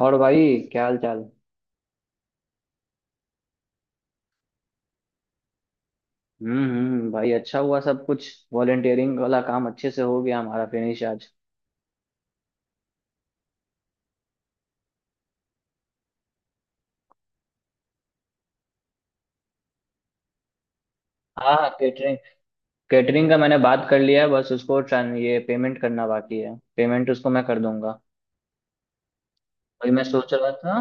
और भाई क्या हाल चाल। हम्म, भाई अच्छा हुआ, सब कुछ वॉलेंटियरिंग वाला काम अच्छे से हो गया हमारा फिनिश आज। हाँ हाँ, कैटरिंग। कैटरिंग का मैंने बात कर लिया है, बस उसको ये पेमेंट करना बाकी है, पेमेंट उसको मैं कर दूंगा। वही मैं सोच रहा था।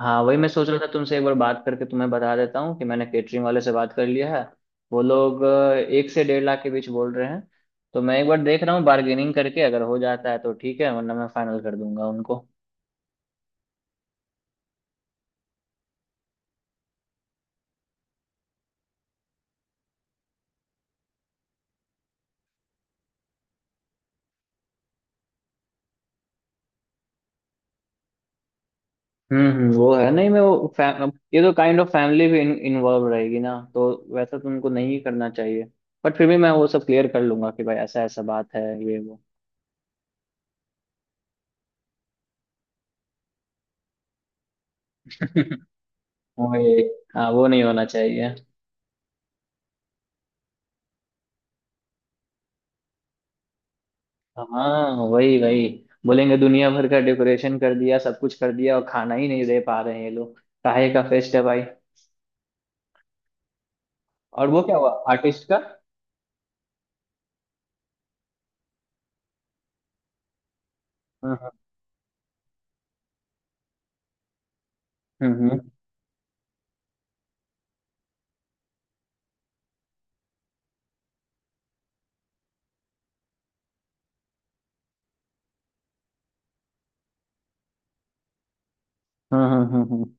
हाँ वही मैं सोच रहा था, तुमसे एक बार बात करके तुम्हें बता देता हूँ कि मैंने कैटरिंग वाले से बात कर लिया है। वो लोग 1 से 1.5 लाख के बीच बोल रहे हैं। तो मैं एक बार देख रहा हूँ बार्गेनिंग करके, अगर हो जाता है तो ठीक है वरना मैं फाइनल कर दूंगा उनको। वो है नहीं, मैं वो फैम ये तो काइंड ऑफ फैमिली भी इन्वॉल्व रहेगी ना, तो वैसा तुमको नहीं करना चाहिए। बट फिर भी मैं वो सब क्लियर कर लूंगा कि भाई ऐसा ऐसा बात है, ये वो। वही। हाँ वो नहीं होना चाहिए। हाँ वही वही। बोलेंगे दुनिया भर का डेकोरेशन कर दिया, सब कुछ कर दिया और खाना ही नहीं दे पा रहे हैं ये लोग। काहे का फेस्ट है भाई। और वो क्या हुआ आर्टिस्ट का। हाँ हाँ। हम्म। हम्म हम्म हम्म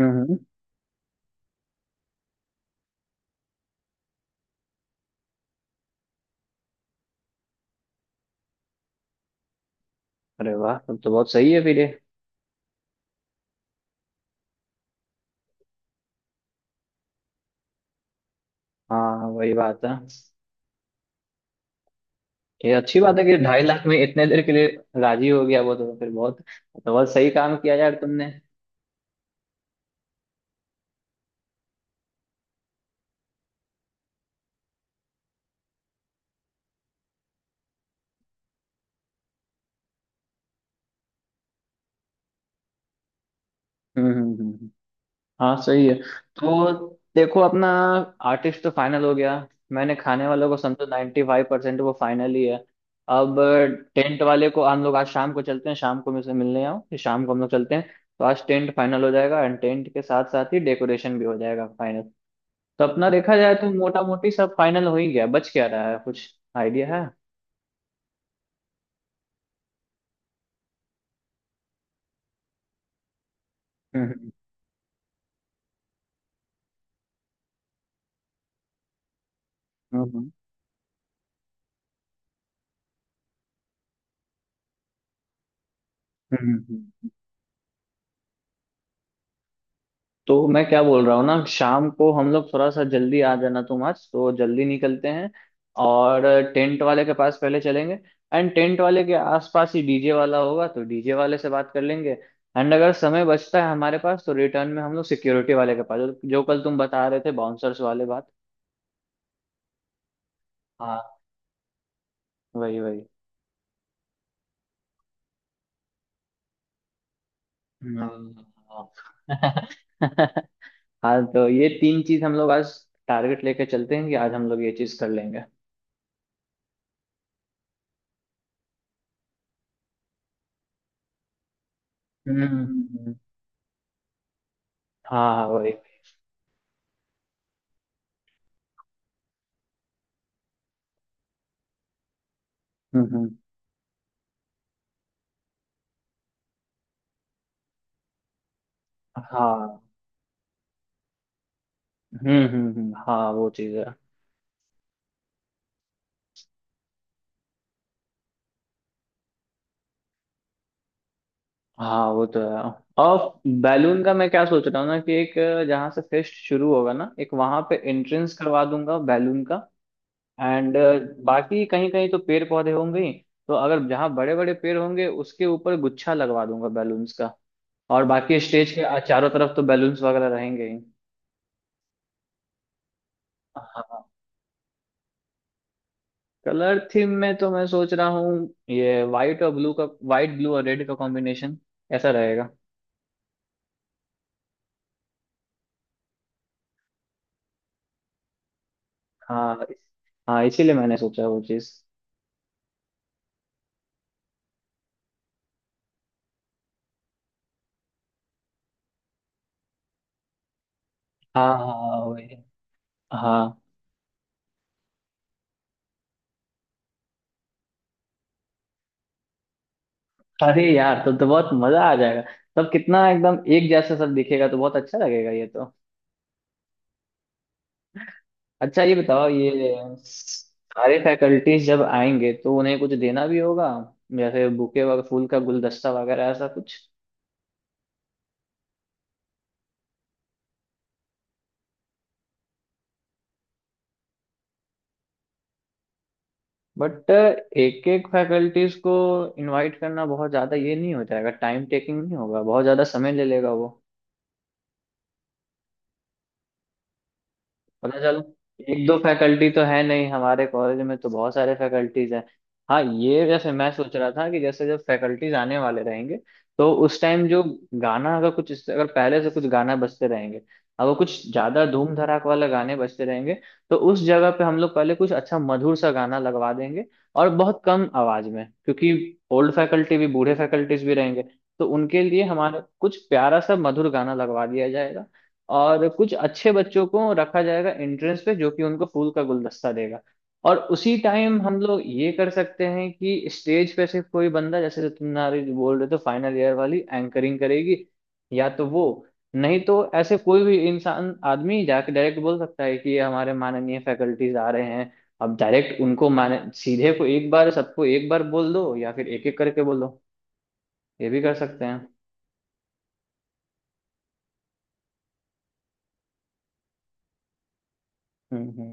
हम्म। हम्म। अरे वाह, तब तो बहुत सही है फिर ये। हाँ वही बात है। ये अच्छी बात है कि 2.5 लाख में इतने देर के लिए राजी हो गया वो, तो फिर बहुत। तो बहुत सही काम किया यार तुमने। हम्म। हाँ सही है। तो देखो अपना आर्टिस्ट तो फाइनल हो गया। मैंने खाने वालों को समझो 95% 5% वो फाइनल ही है। अब टेंट वाले को हम लोग आज शाम को चलते हैं, शाम को मैं उसे मिलने आऊँ फिर शाम को हम लोग चलते हैं। तो आज टेंट फाइनल हो जाएगा एंड टेंट के साथ साथ ही डेकोरेशन भी हो जाएगा फाइनल। तो अपना देखा जाए तो मोटा मोटी सब फाइनल हो ही गया, बच क्या रहा है कुछ आइडिया है। हम्म हम्म हम्म, हम्म, हम्म। तो मैं क्या बोल रहा हूँ ना, शाम को हम लोग थोड़ा सा जल्दी आ जाना, तुम आज तो जल्दी निकलते हैं और टेंट वाले के पास पहले चलेंगे। एंड टेंट वाले के आसपास ही डीजे वाला होगा तो डीजे वाले से बात कर लेंगे। एंड अगर समय बचता है हमारे पास तो रिटर्न में हम लोग सिक्योरिटी वाले के पास, जो जो कल तुम बता रहे थे बाउंसर्स वाले बात। हाँ वही वही। हम्म, हाँ। हाँ तो ये तीन चीज हम लोग आज टारगेट लेके चलते हैं कि आज हम लोग ये चीज कर लेंगे। हम्म, हम्म, हम्म। हाँ हाँ वही। हम्म हम्म, हाँ। हाँ वो चीज है। हाँ वो तो है। और बैलून का मैं क्या सोच रहा हूँ ना कि एक जहाँ से फेस्ट शुरू होगा ना, एक वहां पे एंट्रेंस करवा दूंगा बैलून का। एंड बाकी कहीं कहीं तो पेड़ पौधे होंगे ही, तो अगर जहाँ बड़े बड़े पेड़ होंगे उसके ऊपर गुच्छा लगवा दूंगा बैलून्स का। और बाकी स्टेज के चारों तरफ तो बैलून्स वगैरह रहेंगे ही। हाँ। कलर थीम में तो मैं सोच रहा हूँ ये वाइट और ब्लू का, वाइट ब्लू और रेड का कॉम्बिनेशन, ऐसा रहेगा। हाँ इस- हाँ इसीलिए मैंने सोचा वो चीज। हाँ हाँ हाँ, वही। हाँ। अरे यार, तब तो बहुत मजा आ जाएगा। तब कितना एकदम एक जैसा सब दिखेगा, तो बहुत अच्छा लगेगा ये तो। अच्छा ये बताओ, ये सारे फैकल्टीज जब आएंगे तो उन्हें कुछ देना भी होगा, जैसे बुके वगैरह, फूल का गुलदस्ता वगैरह ऐसा कुछ। बट एक एक फैकल्टीज को इनवाइट करना बहुत ज्यादा ये नहीं हो जाएगा, टाइम टेकिंग नहीं होगा, बहुत ज्यादा समय ले लेगा वो। पता चला एक दो फैकल्टी तो है नहीं हमारे कॉलेज में, तो बहुत सारे फैकल्टीज हैं। हाँ, ये जैसे मैं सोच रहा था कि जैसे जब फैकल्टीज आने वाले रहेंगे तो उस टाइम जो गाना, अगर कुछ इससे अगर पहले से कुछ गाना बजते रहेंगे, अगर कुछ ज्यादा धूम धड़ाक वाले गाने बजते रहेंगे, तो उस जगह पे हम लोग पहले कुछ अच्छा मधुर सा गाना लगवा देंगे, और बहुत कम आवाज में, क्योंकि ओल्ड फैकल्टी भी बूढ़े फैकल्टीज भी रहेंगे, तो उनके लिए हमारा कुछ प्यारा सा मधुर गाना लगवा दिया जाएगा। और कुछ अच्छे बच्चों को रखा जाएगा एंट्रेंस पे, जो कि उनको फूल का गुलदस्ता देगा। और उसी टाइम हम लोग ये कर सकते हैं कि स्टेज पे से कोई बंदा, जैसे तुम्हारे जो बोल रहे थे फाइनल ईयर वाली, एंकरिंग करेगी या तो वो, नहीं तो ऐसे कोई भी इंसान आदमी जाके डायरेक्ट बोल सकता है कि ये हमारे माननीय फैकल्टीज आ रहे हैं। अब डायरेक्ट उनको माने सीधे को एक बार सबको एक बार बोल दो या फिर एक एक करके बोल दो, ये भी कर सकते हैं। हम्म।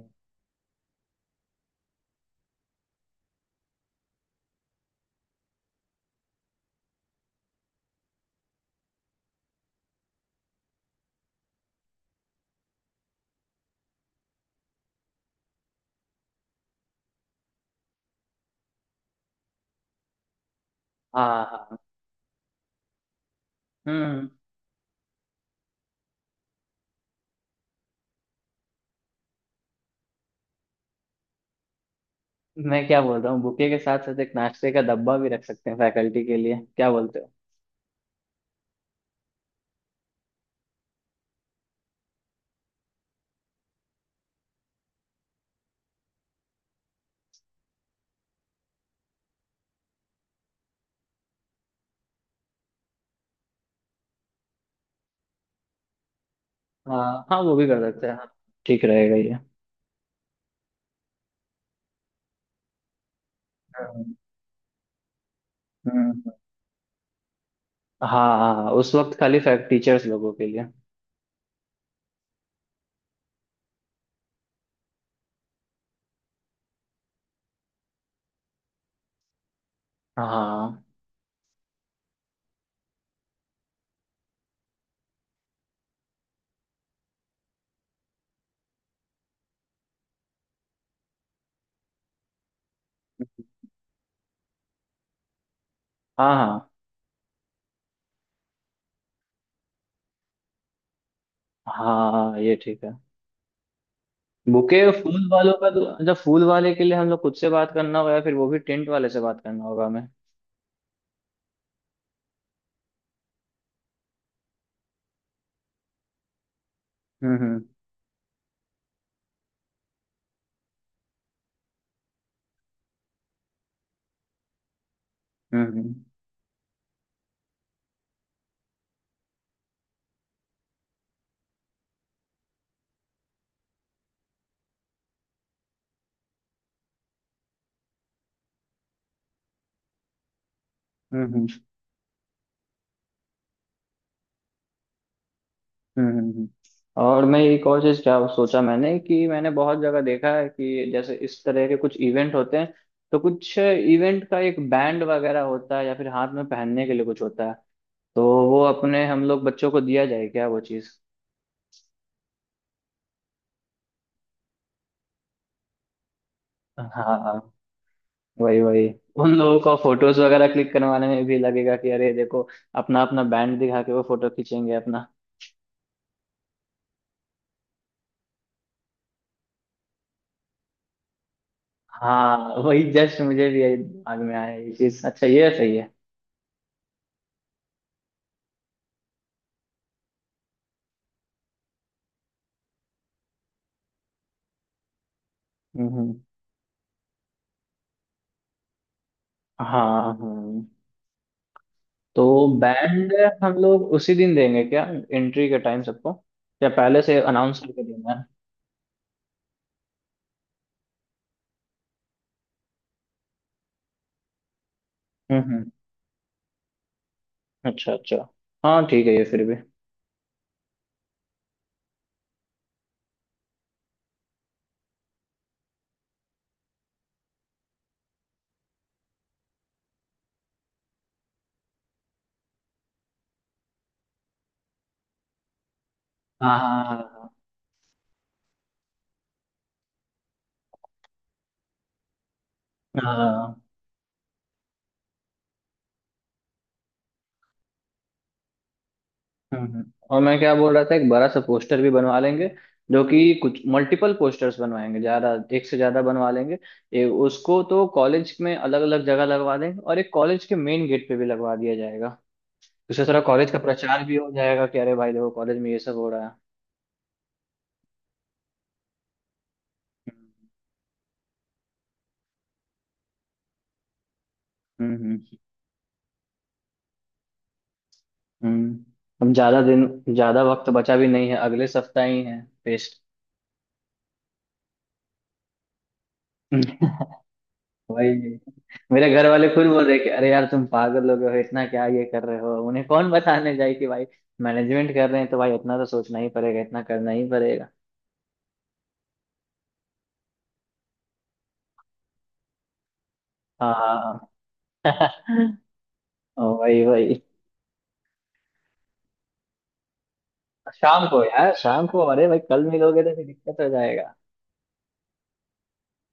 हाँ हाँ। हम्म। मैं क्या बोल रहा हूँ, बुके के साथ साथ एक नाश्ते का डब्बा भी रख सकते हैं फैकल्टी के लिए, क्या बोलते हो। हाँ हाँ वो भी कर सकते हैं, हाँ। ठीक रहेगा ये। हम्म, हम्म, हाँ हाँ। हाँ उस वक्त खाली फैक टीचर्स लोगों के लिए। हाँ हाँ हाँ। हाँ ये ठीक है। बुके फूल वालों का तो, जब फूल वाले के लिए हम लोग खुद से बात करना होगा, या फिर वो भी टेंट वाले से बात करना होगा हमें। हम्म। हम्म हम्म। हम्म, हम्म हम्म, हम्म। और मैं एक और चीज क्या सोचा मैंने, कि मैंने बहुत जगह देखा है कि जैसे इस तरह के कुछ इवेंट होते हैं, तो कुछ इवेंट का एक बैंड वगैरह होता है या फिर हाथ में पहनने के लिए कुछ होता है, तो वो अपने हम लोग बच्चों को दिया जाए क्या वो चीज। हाँ हाँ वही वही। उन लोगों का फोटोज वगैरह क्लिक करवाने में भी लगेगा कि अरे देखो, अपना अपना बैंड दिखा के वो फोटो खींचेंगे अपना। हाँ वही, जस्ट मुझे भी यही दिमाग में आया ये चीज, अच्छा ये सही है। हम्म हम्म। हाँ हाँ। तो बैंड हम लोग उसी दिन देंगे क्या, एंट्री के टाइम सबको, या पहले से अनाउंस करके देना है। हम्म। अच्छा अच्छा। हाँ ठीक है ये फिर भी। हाँ हाँ हाँ हाँ, हाँ, और मैं क्या बोल रहा था, एक बड़ा सा पोस्टर भी बनवा लेंगे, जो कि कुछ मल्टीपल पोस्टर्स बनवाएंगे, ज्यादा, एक से ज्यादा बनवा लेंगे। उसको तो कॉलेज में अलग अलग जगह लगवा देंगे और एक कॉलेज के मेन गेट पे भी लगवा दिया जाएगा। उससे थोड़ा कॉलेज का प्रचार भी हो जाएगा कि अरे भाई देखो कॉलेज में ये सब हो रहा है। हम्म हम्म हम्म। हम्म। हम ज्यादा दिन, ज्यादा वक्त बचा भी नहीं है, अगले सप्ताह ही है फेस्ट। वही। मेरे घर वाले खुद बोल रहे कि अरे यार तुम पागल हो गए हो, इतना क्या ये कर रहे हो, उन्हें कौन बताने जाए कि भाई मैनेजमेंट कर रहे हैं तो भाई इतना तो सोचना ही पड़ेगा, इतना करना ही पड़ेगा। हाँ। हाँ। वही वही। शाम को यार, शाम को, अरे भाई कल मिलोगे तो फिर दिक्कत हो जाएगा।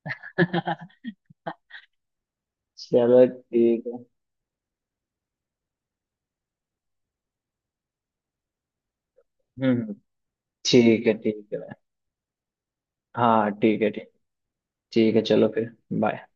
चलो ठीक है। हम्म। ठीक है भाई। हाँ ठीक है ठीक। ठीक है चलो फिर बाय।